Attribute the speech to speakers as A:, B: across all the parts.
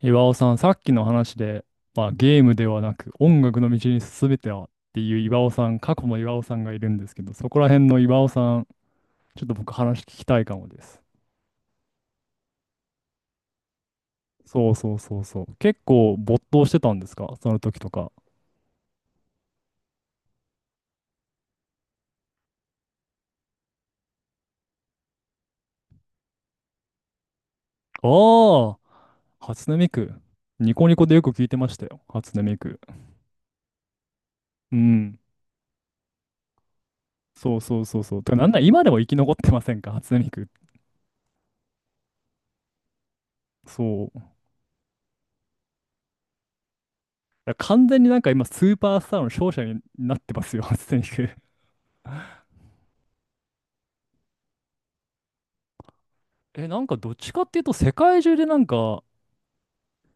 A: 岩尾さん、さっきの話で、ゲームではなく音楽の道に進めてはっていう岩尾さん、過去の岩尾さんがいるんですけど、そこら辺の岩尾さん、ちょっと僕話聞きたいかもです。そうそうそうそう。結構没頭してたんですかその時とか。ああ、初音ミク。ニコニコでよく聞いてましたよ。初音ミク。うん。そうそうそうそう。てか、なんなら今でも生き残ってませんか初音ミク。そう。だから完全に今スーパースターの勝者になってますよ、初音ミク。え、どっちかっていうと、世界中で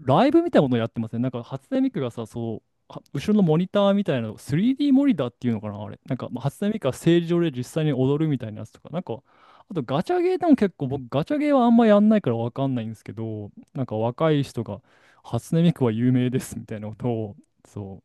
A: ライブみたいなものをやってますね。なんか初音ミクがさ、そう、は後ろのモニターみたいなの、3D モニターっていうのかな、あれ。初音ミクがステージ上で実際に踊るみたいなやつとか、あとガチャゲーでも結構、僕、ガチャゲーはあんまやんないからわかんないんですけど、なんか若い人が、初音ミクは有名ですみたいなことを、そ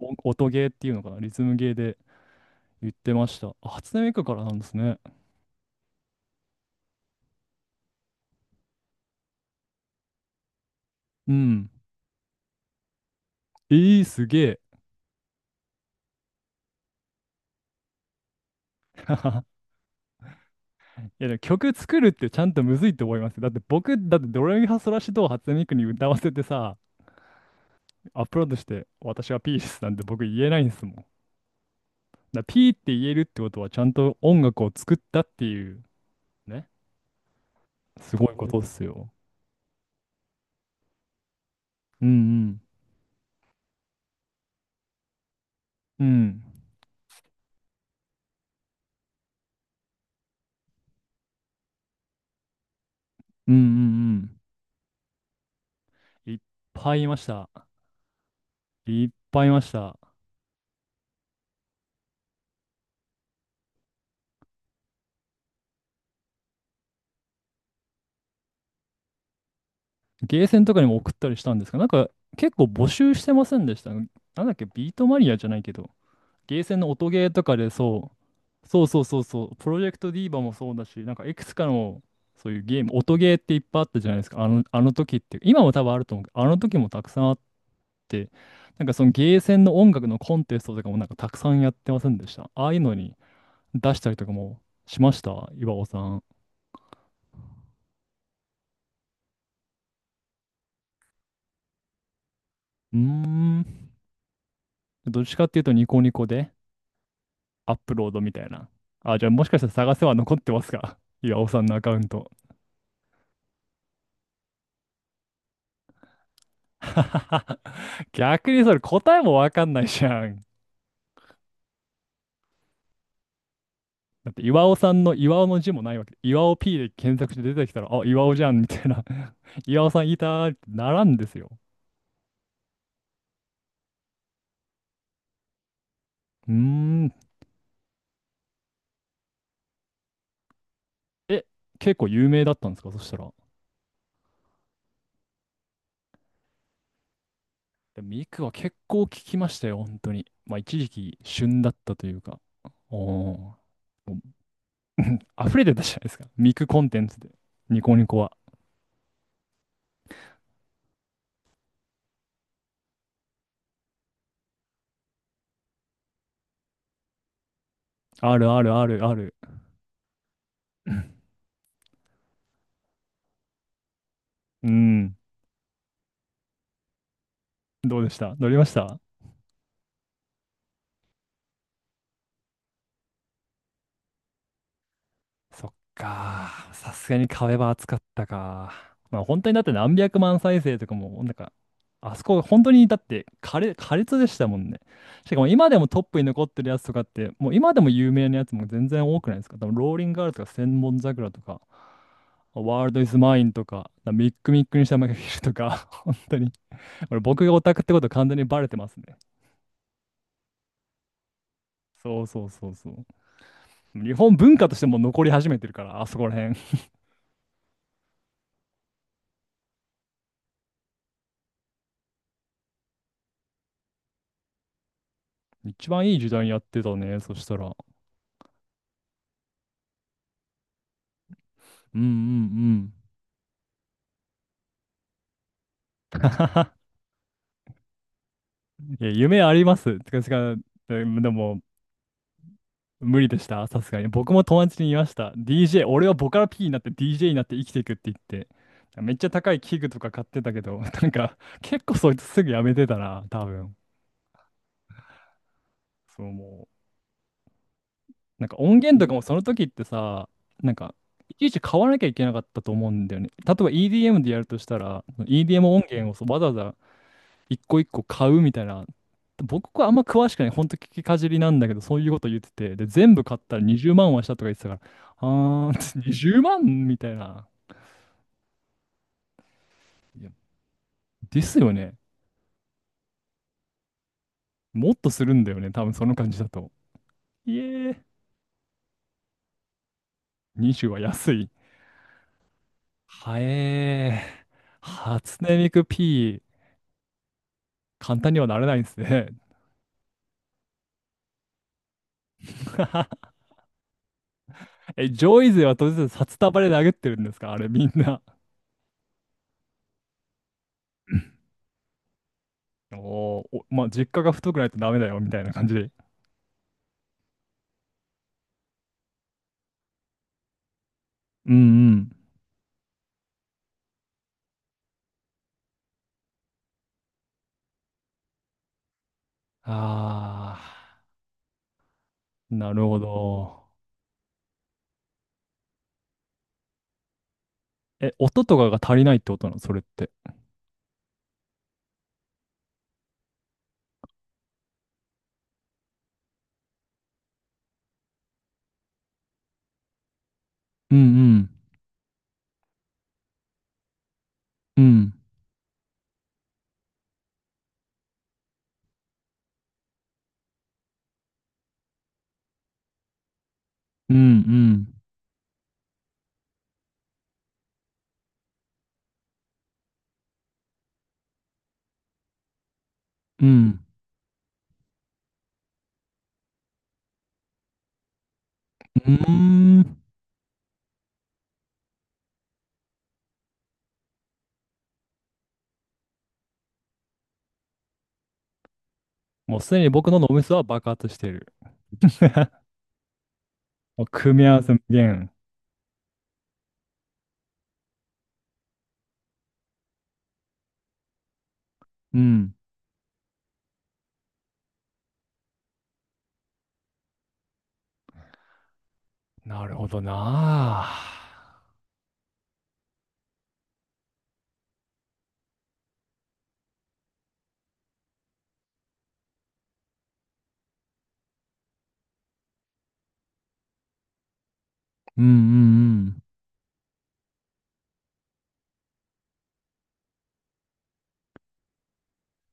A: う、お音ゲーっていうのかな、リズムゲーで言ってました。あ初音ミクからなんですね。うん。えー、すげえ。いやでも曲作るってちゃんとむずいと思いますよ。だって僕、だってドレミファソラシドを初音ミクに歌わせてさ、アップロードして私はピースなんて僕言えないんですもん。だからピーって言えるってことはちゃんと音楽を作ったっていうね、すごいことっすよ。うんうん。うん。うんうんうん。いっぱいいました。いっぱいいました。ゲーセンとかにも送ったりしたんですが、結構募集してませんでした。なんだっけ、ビートマニアじゃないけど、ゲーセンの音ゲーとかでそう、そうそうそうそう、プロジェクトディーバもそうだし、なんかいくつかのそういうゲーム、音ゲーっていっぱいあったじゃないですか、あの時って、今も多分あると思うけど、あの時もたくさんあって、なんかそのゲーセンの音楽のコンテストとかもなんかたくさんやってませんでした。ああいうのに出したりとかもしました、岩尾さん。うーん、どっちかっていうとニコニコでアップロードみたいな。あ、じゃあもしかしたら探せは残ってますか、岩尾さんのアカウント。逆にそれ答えもわかんないじゃん。だって岩尾さんの岩尾の字もないわけ。岩尾 P で検索して出てきたら、あ、岩尾じゃんみたいな。岩尾さんいたーってならんですよ。うーん。え、結構有名だったんですかそしたら。でミクは結構聞きましたよ、本当に。まあ一時期旬だったというか。おー。もう溢れてたじゃないですか。ミクコンテンツで。ニコニコは。あるあるあるある。うん。どうでした乗りましたそっか。さすがに壁は厚かったか。まあ本当にだって何百万再生とかも、あそこ本当にだって苛烈でしたもんね。しかも今でもトップに残ってるやつとかって、もう今でも有名なやつも全然多くないですか。多分ローリンガールとか千本桜とか、ワールドイズマインとか、ミックミックにしたマイフィルとか、本当に。僕がオタクってこと完全にバレてますね。そうそうそうそう。日本文化としても残り始めてるから、あそこら辺。一番いい時代にやってたね、そしたら。うんうんうん。いや、夢あります。てかでも、無理でした、さすがに。僕も友達に言いました。DJ、俺はボカロ P になって DJ になって生きていくって言って。めっちゃ高い器具とか買ってたけど、なんか、結構そいつすぐやめてたな、多分。そうもう。なんか音源とかもその時ってさ、なんか、いちいち買わなきゃいけなかったと思うんだよね。例えば EDM でやるとしたら、EDM 音源をそうわざわざ一個一個買うみたいな。僕はあんま詳しくない。ほんと聞きかじりなんだけど、そういうこと言ってて。で、全部買ったら20万はしたとか言ってたから、あー にじゅうまん、20万みたいな。いやですよね。もっとするんだよね。多分その感じだと。いえー、20は安い。はえー、初音ミク P、簡単にはなれないんですね。え、ジョイ勢は当然札束で殴ってるんですかあれみんな。おーお、まあ、実家が太くないとダメだよ、みたいな感じで。うんうん。ああ、なるほど。え、音とかが足りないってことなのそれって。うんうん。うん。うんうん。うん。うーん。もうすでに僕の脳みそは爆発してる。もう組み合わせ無限。うん。なるほどなあ。うんうんうん。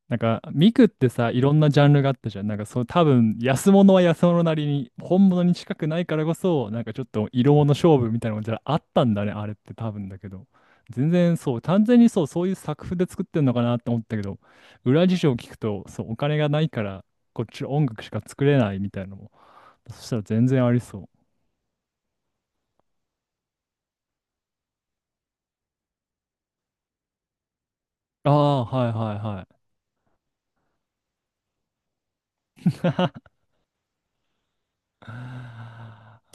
A: なんか、ミクってさ、いろんなジャンルがあったじゃん。そう、多分、安物は安物なりに、本物に近くないからこそ、なんかちょっと色物勝負みたいなのがじゃああったんだね、あれって多分だけど。全然そう、完全にそう、そういう作風で作ってんのかなって思ったけど、裏事情を聞くと、そう、お金がないから、こっちの音楽しか作れないみたいなのも、そしたら全然ありそう。ああ、はいは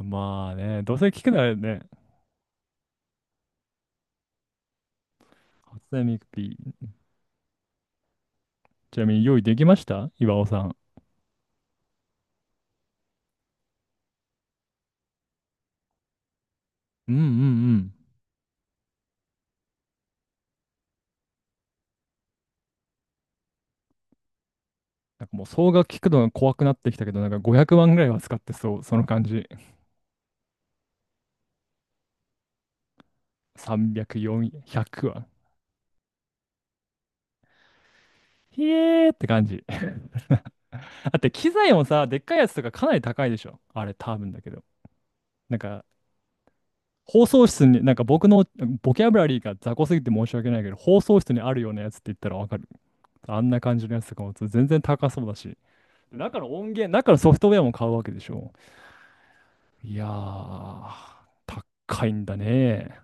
A: い。まあね、どうせ聞くならね、初音ミクピー、ちなみに用意できました岩尾さん。うんうんうん。なんかもう総額聞くのが怖くなってきたけど、なんか500万ぐらいは使ってそう、その感じ。300、400は。ひえーって感じ。だって機材もさ、でっかいやつとかかなり高いでしょ。あれ多分だけど。なんか放送室に、なんか僕のボキャブラリーが雑魚すぎて申し訳ないけど、放送室にあるようなやつって言ったらわかる。あんな感じのやつとかも全然高そうだし。中の音源、中のソフトウェアも買うわけでしょ。いやー、高いんだね。